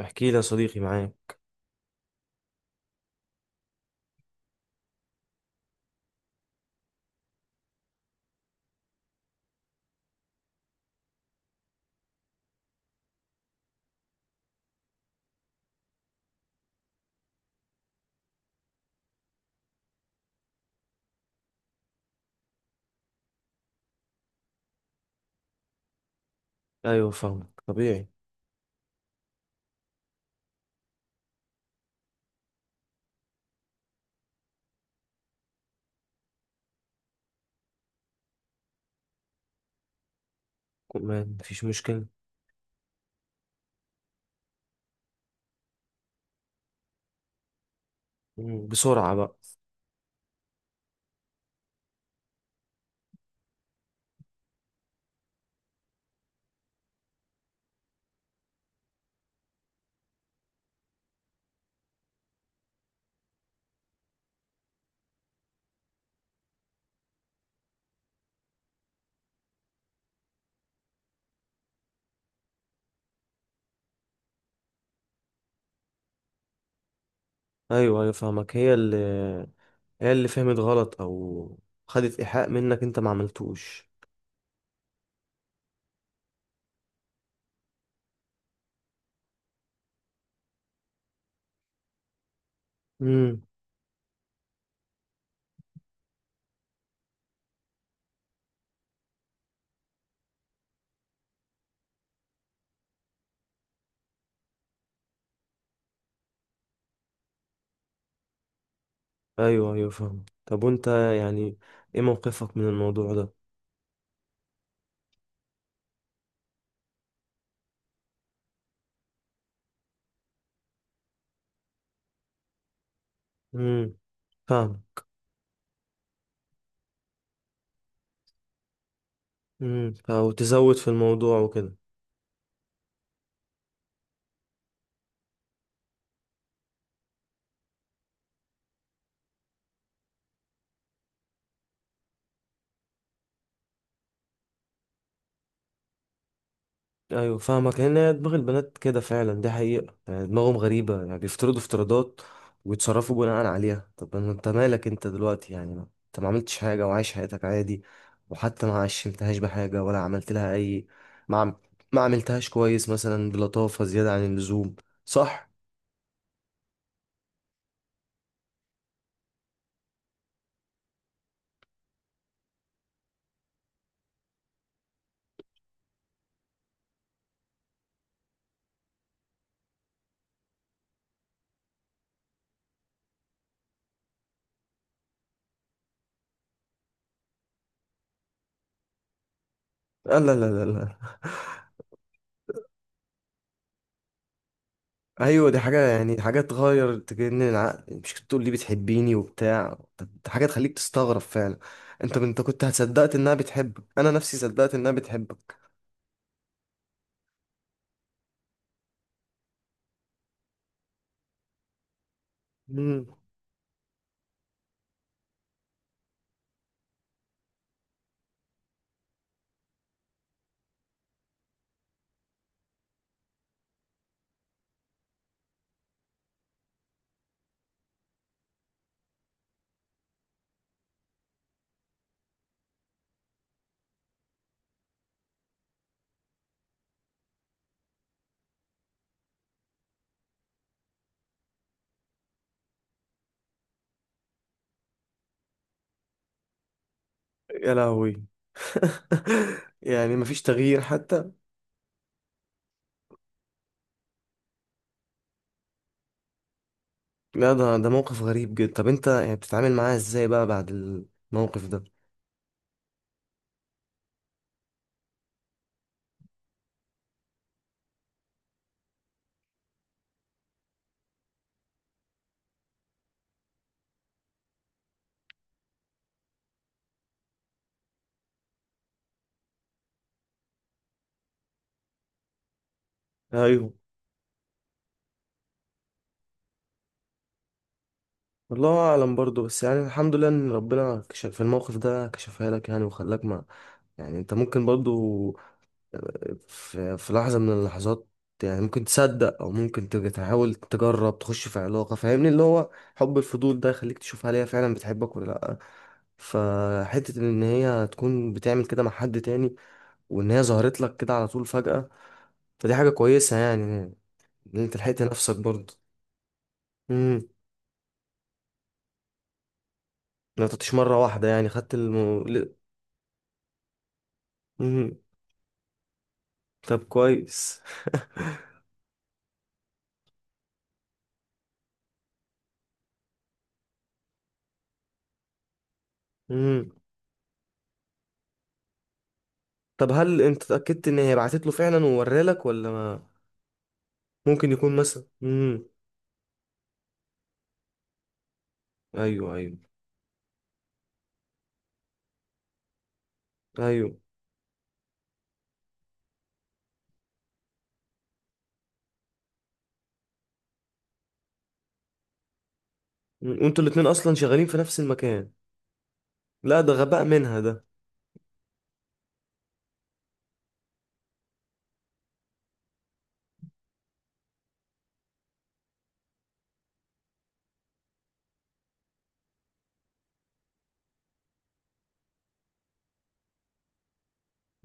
احكي لي يا صديقي، معاك. ايوه، فاهمك، طبيعي. ما فيش مشكله. بسرعه بقى. ايوه ايوه فاهمك. هي اللي فهمت غلط، او خدت ايحاء منك انت ما عملتوش. امم. ايوه ايوه فاهم. طب وانت يعني ايه موقفك من الموضوع ده؟ امم. فاهم. او تزود في الموضوع وكده. ايوه فاهمك، لان هي دماغ البنات كده فعلا، دي حقيقة. يعني دماغهم غريبة، يعني بيفترضوا افتراضات ويتصرفوا بناء عليها. طب ما انت مالك انت دلوقتي، يعني انت ما عملتش حاجة وعايش حياتك عادي. وحتى ما عشمتهاش بحاجة ولا عملت لها اي. ما عم... ما عملتهاش كويس مثلا بلطافة زيادة عن اللزوم، صح؟ لا لا لا لا لا. ايوه دي حاجه، يعني حاجه تغير، تجنن العقل. مش كنت تقول لي بتحبيني وبتاع؟ طب دي حاجه تخليك تستغرب فعلا. انت كنت هتصدقت انها بتحبك، انا نفسي صدقت انها بتحبك. مم. يا لهوي. يعني مفيش تغيير حتى؟ لا، ده موقف غريب جدا. طب انت يعني بتتعامل معاها ازاي بقى بعد الموقف ده؟ ايوه، والله اعلم برضه، بس يعني الحمد لله ان ربنا كشف في الموقف ده، كشفها لك يعني، وخلاك ما... يعني انت ممكن برضه في لحظة من اللحظات يعني ممكن تصدق، او ممكن تحاول تجرب تخش في علاقة، فاهمني، اللي هو حب الفضول ده يخليك تشوف هل هي فعلا بتحبك ولا لا. فحتة ان هي تكون بتعمل كده مع حد تاني، وان هي ظهرت لك كده على طول فجأة، فدي حاجة كويسة يعني، ان انت لحقت نفسك برضه. امم. ما تعطيش مرة واحدة يعني، خدت. مم. طب كويس. امم. طب هل انت اتأكدت ان هي بعتت له فعلا وورالك، ولا ما ممكن يكون مثلا؟ ايوه ايوه. ايوه وانتوا الاتنين اصلا شغالين في نفس المكان؟ لا ده غباء منها ده.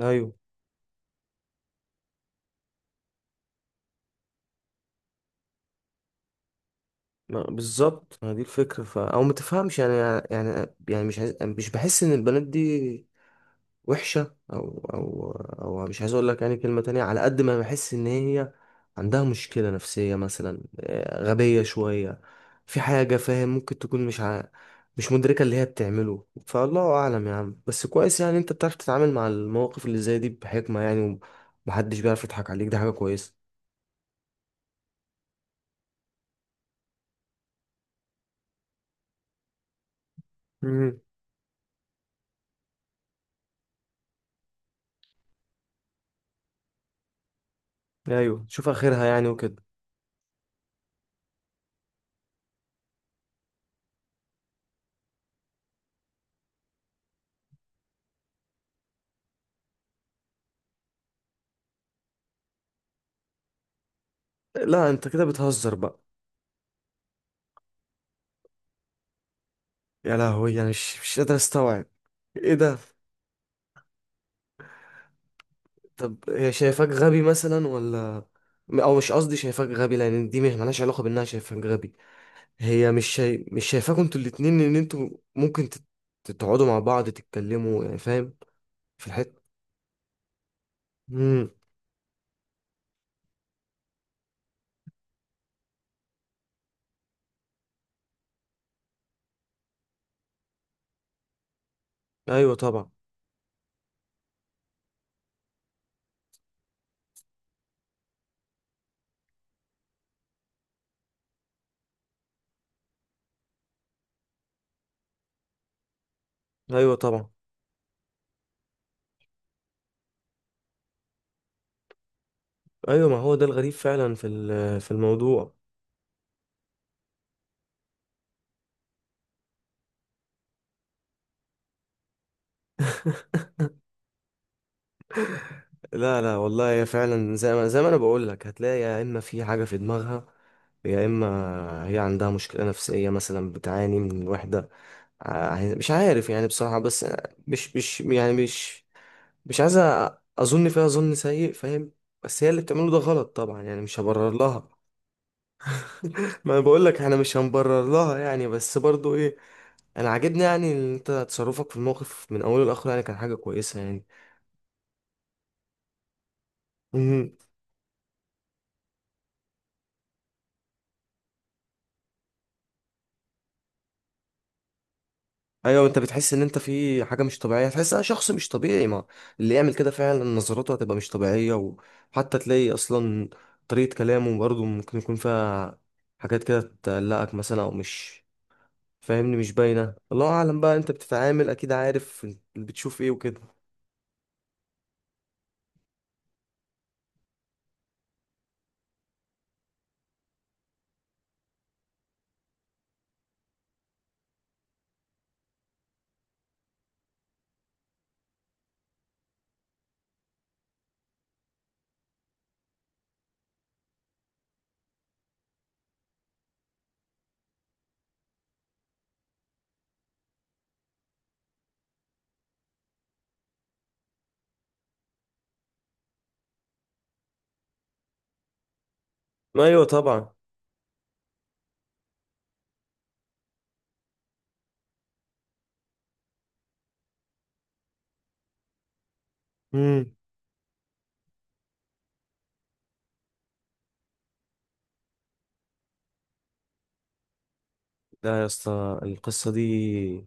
ايوه، ما بالظبط، ما دي الفكره او ما تفهمش يعني. يعني مش بحس ان البنات دي وحشه، او او مش عايز اقول لك يعني كلمه تانية. على قد ما بحس ان هي عندها مشكله نفسيه مثلا، غبيه شويه، في حاجه، فاهم؟ ممكن تكون مش مدركه اللي هي بتعمله. فالله اعلم يا عم، بس كويس يعني انت بتعرف تتعامل مع المواقف اللي زي دي بحكمه يعني، ومحدش بيعرف يضحك عليك، دي حاجه كويسه. امم. ايوه شوف اخرها يعني وكده. لا انت كده بتهزر بقى؟ يا لهوي، انا مش قادر استوعب، ايه ده؟ طب هي شايفاك غبي مثلا، ولا... او مش قصدي شايفاك غبي، لان دي مش مالهاش علاقه بانها شايفاك غبي. هي مش شايفاكوا انتوا الاتنين ان انتوا ممكن تقعدوا مع بعض تتكلموا يعني، فاهم؟ في الحته. امم. ايوه طبعا. ايوه طبعا. ايوه، ما هو ده الغريب فعلا في الموضوع. لا لا والله، هي فعلا زي ما انا بقول لك، هتلاقي يا اما في حاجه في دماغها، يا اما هي عندها مشكله نفسيه مثلا، بتعاني من الوحده. مش عارف يعني بصراحه، بس مش يعني مش عايز اظن فيها ظن سيء، فاهم؟ بس هي اللي بتعمله ده غلط طبعا، يعني مش هبرر لها. ما انا بقول لك احنا مش هنبرر لها يعني، بس برضو ايه، انا عاجبني يعني ان انت تصرفك في الموقف من اوله لاخره يعني كان حاجه كويسه. يعني، ايوه انت بتحس ان انت في حاجه مش طبيعيه، تحس انا شخص مش طبيعي، ما اللي يعمل كده فعلا نظراته هتبقى مش طبيعيه، وحتى تلاقي اصلا طريقه كلامه برضه ممكن يكون فيها حاجات كده تقلقك مثلا، او مش فاهمني، مش باينه. الله اعلم بقى، انت بتتعامل اكيد عارف اللي بتشوف ايه وكده. ايوه طبعا. امم. لا يا اسطى، القصه دي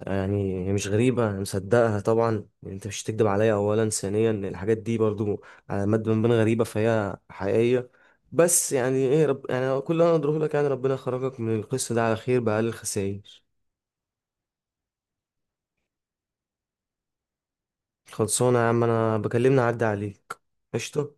يعني هي مش غريبة، أنا مصدقها طبعا، يعني أنت مش هتكدب عليا. أولا، ثانيا الحاجات دي برضو على مد من بين غريبة، فهي حقيقية. بس يعني إيه رب، يعني كل اللي أنا أقدره لك يعني، ربنا يخرجك من القصة ده على خير بأقل الخسائر. خلصانة يا عم، أنا بكلمنا عدى عليك. قشطة.